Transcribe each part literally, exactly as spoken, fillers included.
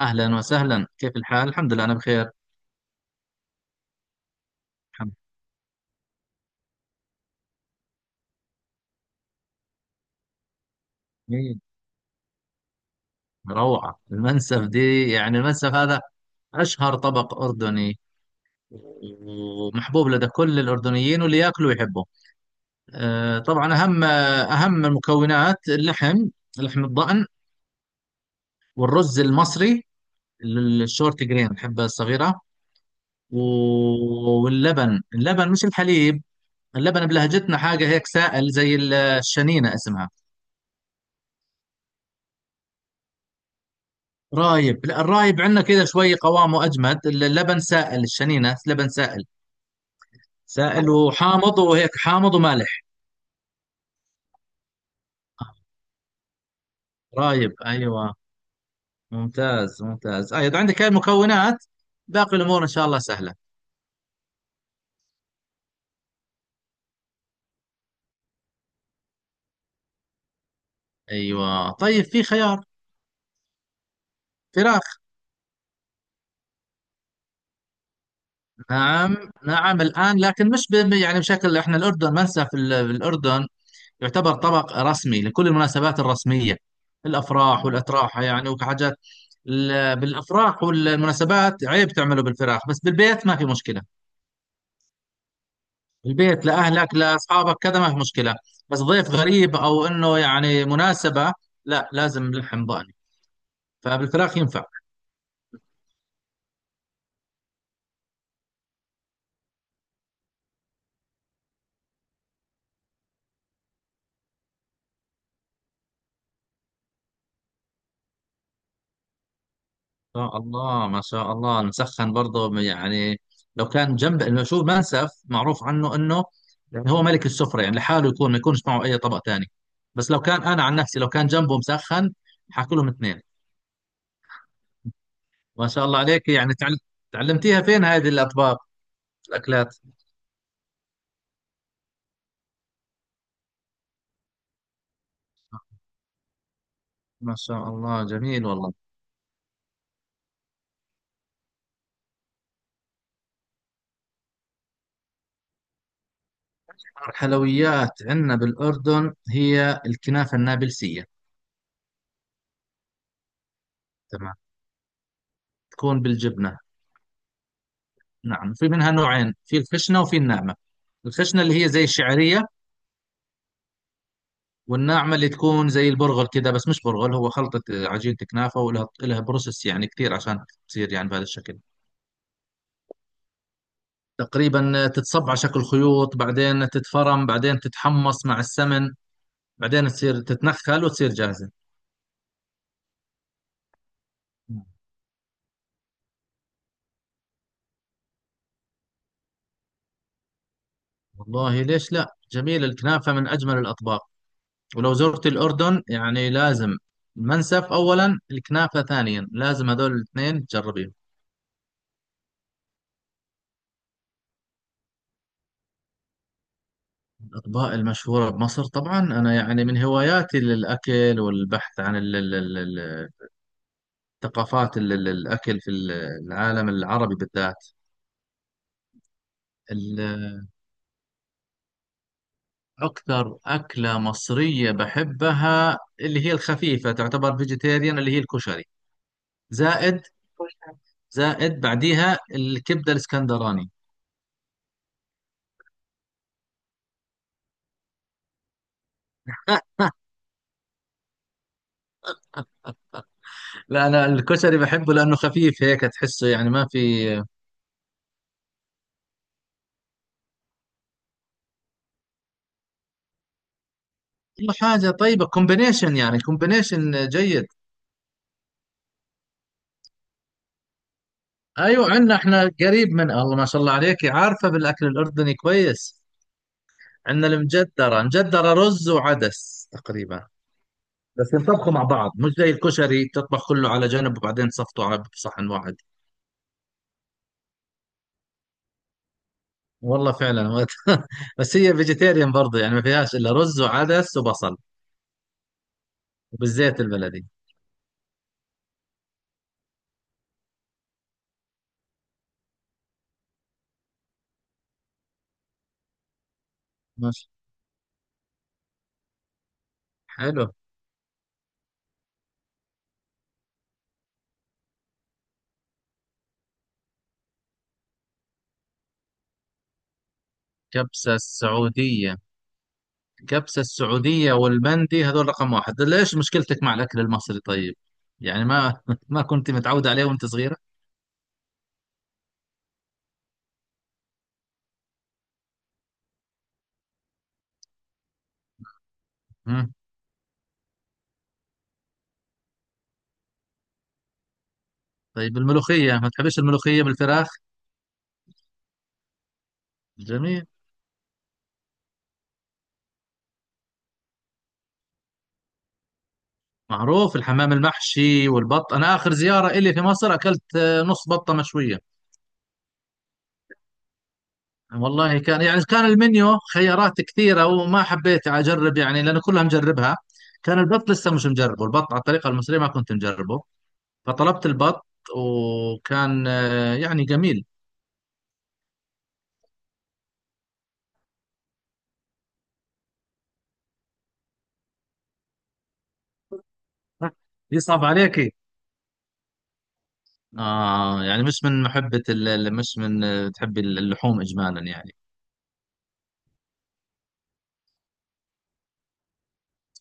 أهلا وسهلا، كيف الحال؟ الحمد لله أنا بخير. الحمد لله. روعة، المنسف دي يعني المنسف هذا أشهر طبق أردني، ومحبوب لدى كل الأردنيين واللي ياكله يحبه. أه، طبعا أهم أهم المكونات اللحم، لحم الضأن، والرز المصري الشورت جرين، الحبة الصغيرة. و- واللبن، اللبن مش الحليب. اللبن بلهجتنا حاجة هيك سائل، زي الشنينة اسمها. رايب؟ لا، الرايب عندنا كذا شوي قوامه اجمد، اللبن سائل، الشنينه لبن سائل، سائل وحامض وهيك، حامض ومالح. رايب، ايوه. ممتاز ممتاز، ايوه عندك هاي المكونات، باقي الامور ان شاء الله سهله. ايوه، طيب في خيار فراخ. نعم، نعم الان، لكن مش ب- يعني بشكل احنا الاردن ما ننسى، في ال- في الاردن يعتبر طبق رسمي لكل المناسبات الرسمية، الأفراح والأتراح يعني وحاجات. ال- بالأفراح والمناسبات عيب تعمله بالفراخ، بس بالبيت ما في مشكلة. بالبيت لأهلك لأصحابك كذا ما في مشكلة، بس ضيف غريب أو إنه يعني مناسبة، لا لازم لحم ضاني. فبالفراخ ينفع. شاء الله، ما شاء الله، مسخن برضه يعني، لو كان جنب انه، شو، منسف معروف عنه انه يعني هو ملك السفره، يعني لحاله يكون، ما يكونش معه اي طبق ثاني. بس لو كان، انا عن نفسي لو كان جنبه مسخن، حاكلهم اثنين. ما شاء الله عليك، يعني تعل... تعلمتيها فين هذه الاطباق، الاكلات؟ ما شاء الله، جميل والله. الحلويات عندنا بالاردن هي الكنافه النابلسيه. تمام، تكون بالجبنه. نعم، في منها نوعين، في الخشنه وفي الناعمه. الخشنه اللي هي زي الشعريه، والناعمه اللي تكون زي البرغل كده، بس مش برغل، هو خلطه. آه، عجينه كنافه، ولها لها بروسس يعني كثير عشان تصير يعني بهذا الشكل. تقريبا تتصب على شكل خيوط، بعدين تتفرم، بعدين تتحمص مع السمن، بعدين تصير تتنخل وتصير جاهزه. والله ليش لا، جميل، الكنافه من اجمل الاطباق. ولو زرت الاردن يعني لازم، المنسف اولا، الكنافه ثانيا، لازم هذول الاثنين تجربيهم. الأطباق المشهورة بمصر، طبعا أنا يعني من هواياتي للأكل، والبحث عن ثقافات ال- ال- الأكل في ال- العالم العربي بالذات. ال- أكثر أكلة مصرية بحبها اللي هي الخفيفة، تعتبر فيجيتيريان، اللي هي الكشري، زائد، زائد بعديها الكبدة الإسكندراني. لا، أنا الكشري بحبه لأنه خفيف هيك تحسه، يعني ما في. كل حاجة طيبة، كومبينيشن، يعني كومبينيشن جيد. أيوة، عندنا إحنا قريب. من الله، ما شاء الله عليك، عارفة بالأكل الأردني كويس. عندنا المجدرة، مجدرة رز وعدس تقريبا، بس ينطبخوا مع بعض، مش زي الكشري تطبخ كله على جنب وبعدين تصفطه على بصحن واحد. والله فعلا وقت بس هي فيجيتيريان برضه، يعني ما فيهاش الا رز وعدس وبصل، وبالزيت البلدي. ماشي. حلو. كبسة السعودية، كبسة السعودية والمندي، هذول رقم واحد. ليش مشكلتك مع الأكل المصري طيب؟ يعني ما ما كنت متعودة عليه وأنت صغيرة؟ مم. طيب الملوخية، ما تحبش الملوخية بالفراخ؟ جميل. معروف الحمام المحشي والبط، أنا آخر زيارة إلي في مصر أكلت آه، نص بطة مشوية. والله كان، يعني كان المنيو خيارات كثيرة وما حبيت أجرب يعني، لأنه كلها مجربها. كان البط لسه مش مجربه، البط على الطريقة المصرية ما كنت مجربه، فطلبت البط، وكان آه، يعني جميل. يصعب عليكي. آه يعني مش من محبة ال- ال- مش من، آه، تحبي اللحوم إجمالا يعني.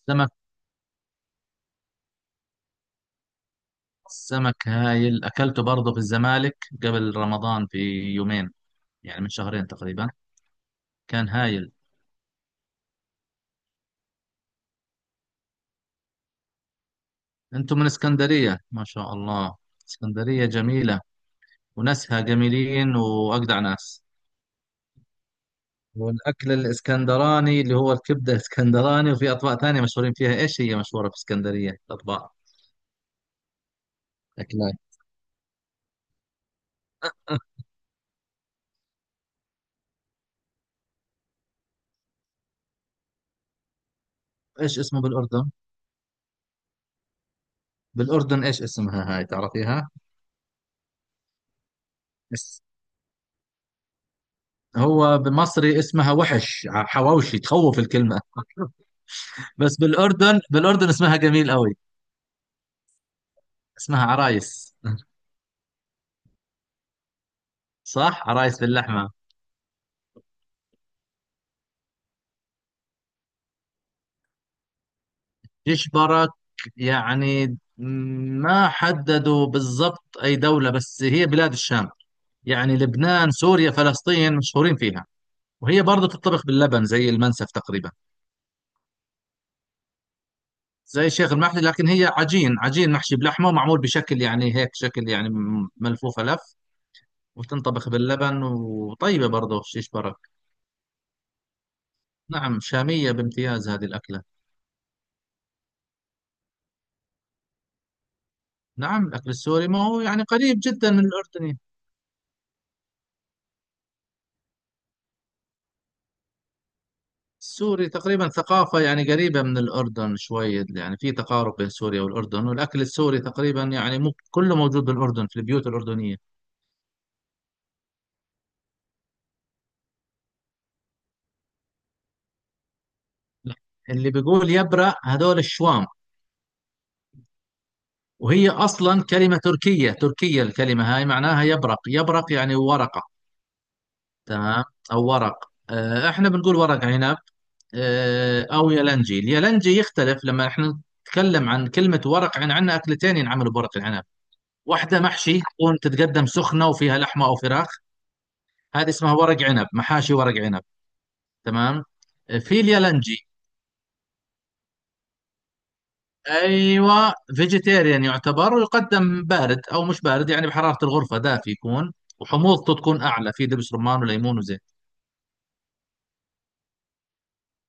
سمك، سمك هايل، أكلته برضه في الزمالك قبل رمضان في يومين، يعني من شهرين تقريبا. كان هايل. انتم من اسكندرية، ما شاء الله، اسكندرية جميلة، وناسها جميلين واجدع ناس. والاكل الاسكندراني اللي هو الكبدة اسكندراني، وفي اطباق ثانية مشهورين فيها، ايش هي مشهورة في اسكندرية الاطباق، اكلات؟ ايش اسمه بالاردن؟ بالاردن ايش اسمها هاي، تعرفيها؟ بس. هو بمصري اسمها وحش، ع- حواوشي، تخوف الكلمة بس بالاردن، بالاردن اسمها جميل قوي. اسمها عرايس صح، عرايس باللحمة. يشبرك يعني، ما حددوا بالضبط أي دولة، بس هي بلاد الشام، يعني لبنان سوريا فلسطين مشهورين فيها. وهي برضه تطبخ باللبن زي المنسف تقريبا. زي الشيخ المحلي، لكن هي عجين، عجين محشي بلحمة، ومعمول بشكل يعني هيك شكل يعني، م- ملفوفة لف، وتنطبخ باللبن، وطيبة برضه شيش برك. نعم، شامية بامتياز هذه الأكلة. نعم، الأكل السوري ما هو يعني قريب جدا من الأردن. سوري تقريبا ثقافة، يعني قريبة من الأردن شوية، يعني في تقارب بين سوريا والأردن، والأكل السوري تقريبا يعني مو كله موجود بالأردن في البيوت الأردنية. لا، اللي بيقول يبرق هذول الشوام. وهي أصلا كلمة تركية، تركية الكلمة هاي، معناها يبرق، يبرق يعني ورقة. تمام. أو ورق، آه، إحنا بنقول ورق عنب. آه، أو يلنجي، اليلنجي يختلف. لما إحنا نتكلم عن كلمة ورق عن، عندنا أكلتين ينعملوا بورق العنب، واحدة محشي تكون تتقدم سخنة وفيها لحمة أو فراخ، هذه اسمها ورق عنب، محاشي ورق عنب. تمام. في اليالنجي، ايوه فيجيتيريان يعتبر، ويقدم بارد او مش بارد يعني، بحراره الغرفه دافي يكون، وحموضته تكون اعلى، في دبس رمان وليمون وزيت.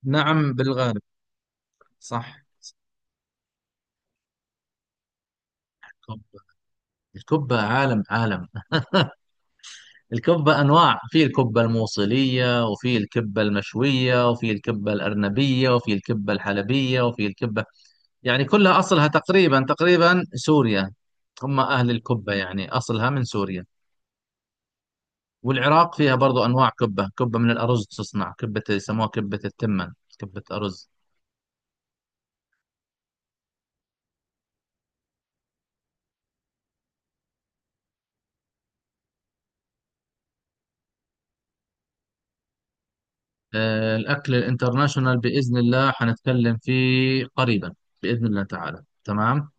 نعم بالغالب. صح. الكبة، الكبة عالم عالم. الكبة أنواع، في الكبة الموصلية وفي الكبة المشوية وفي الكبة الأرنبية وفي الكبة الحلبية وفي الكبة، يعني كلها أصلها تقريبا تقريبا سوريا، هم أهل الكبة، يعني أصلها من سوريا. والعراق فيها برضو أنواع كبة، كبة من الأرز تصنع، كبة يسموها كبة التمن، كبة أرز. آه، الأكل الانترناشونال بإذن الله حنتكلم فيه قريبا، بإذن الله تعالى. تمام.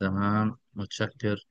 تمام، متشكر.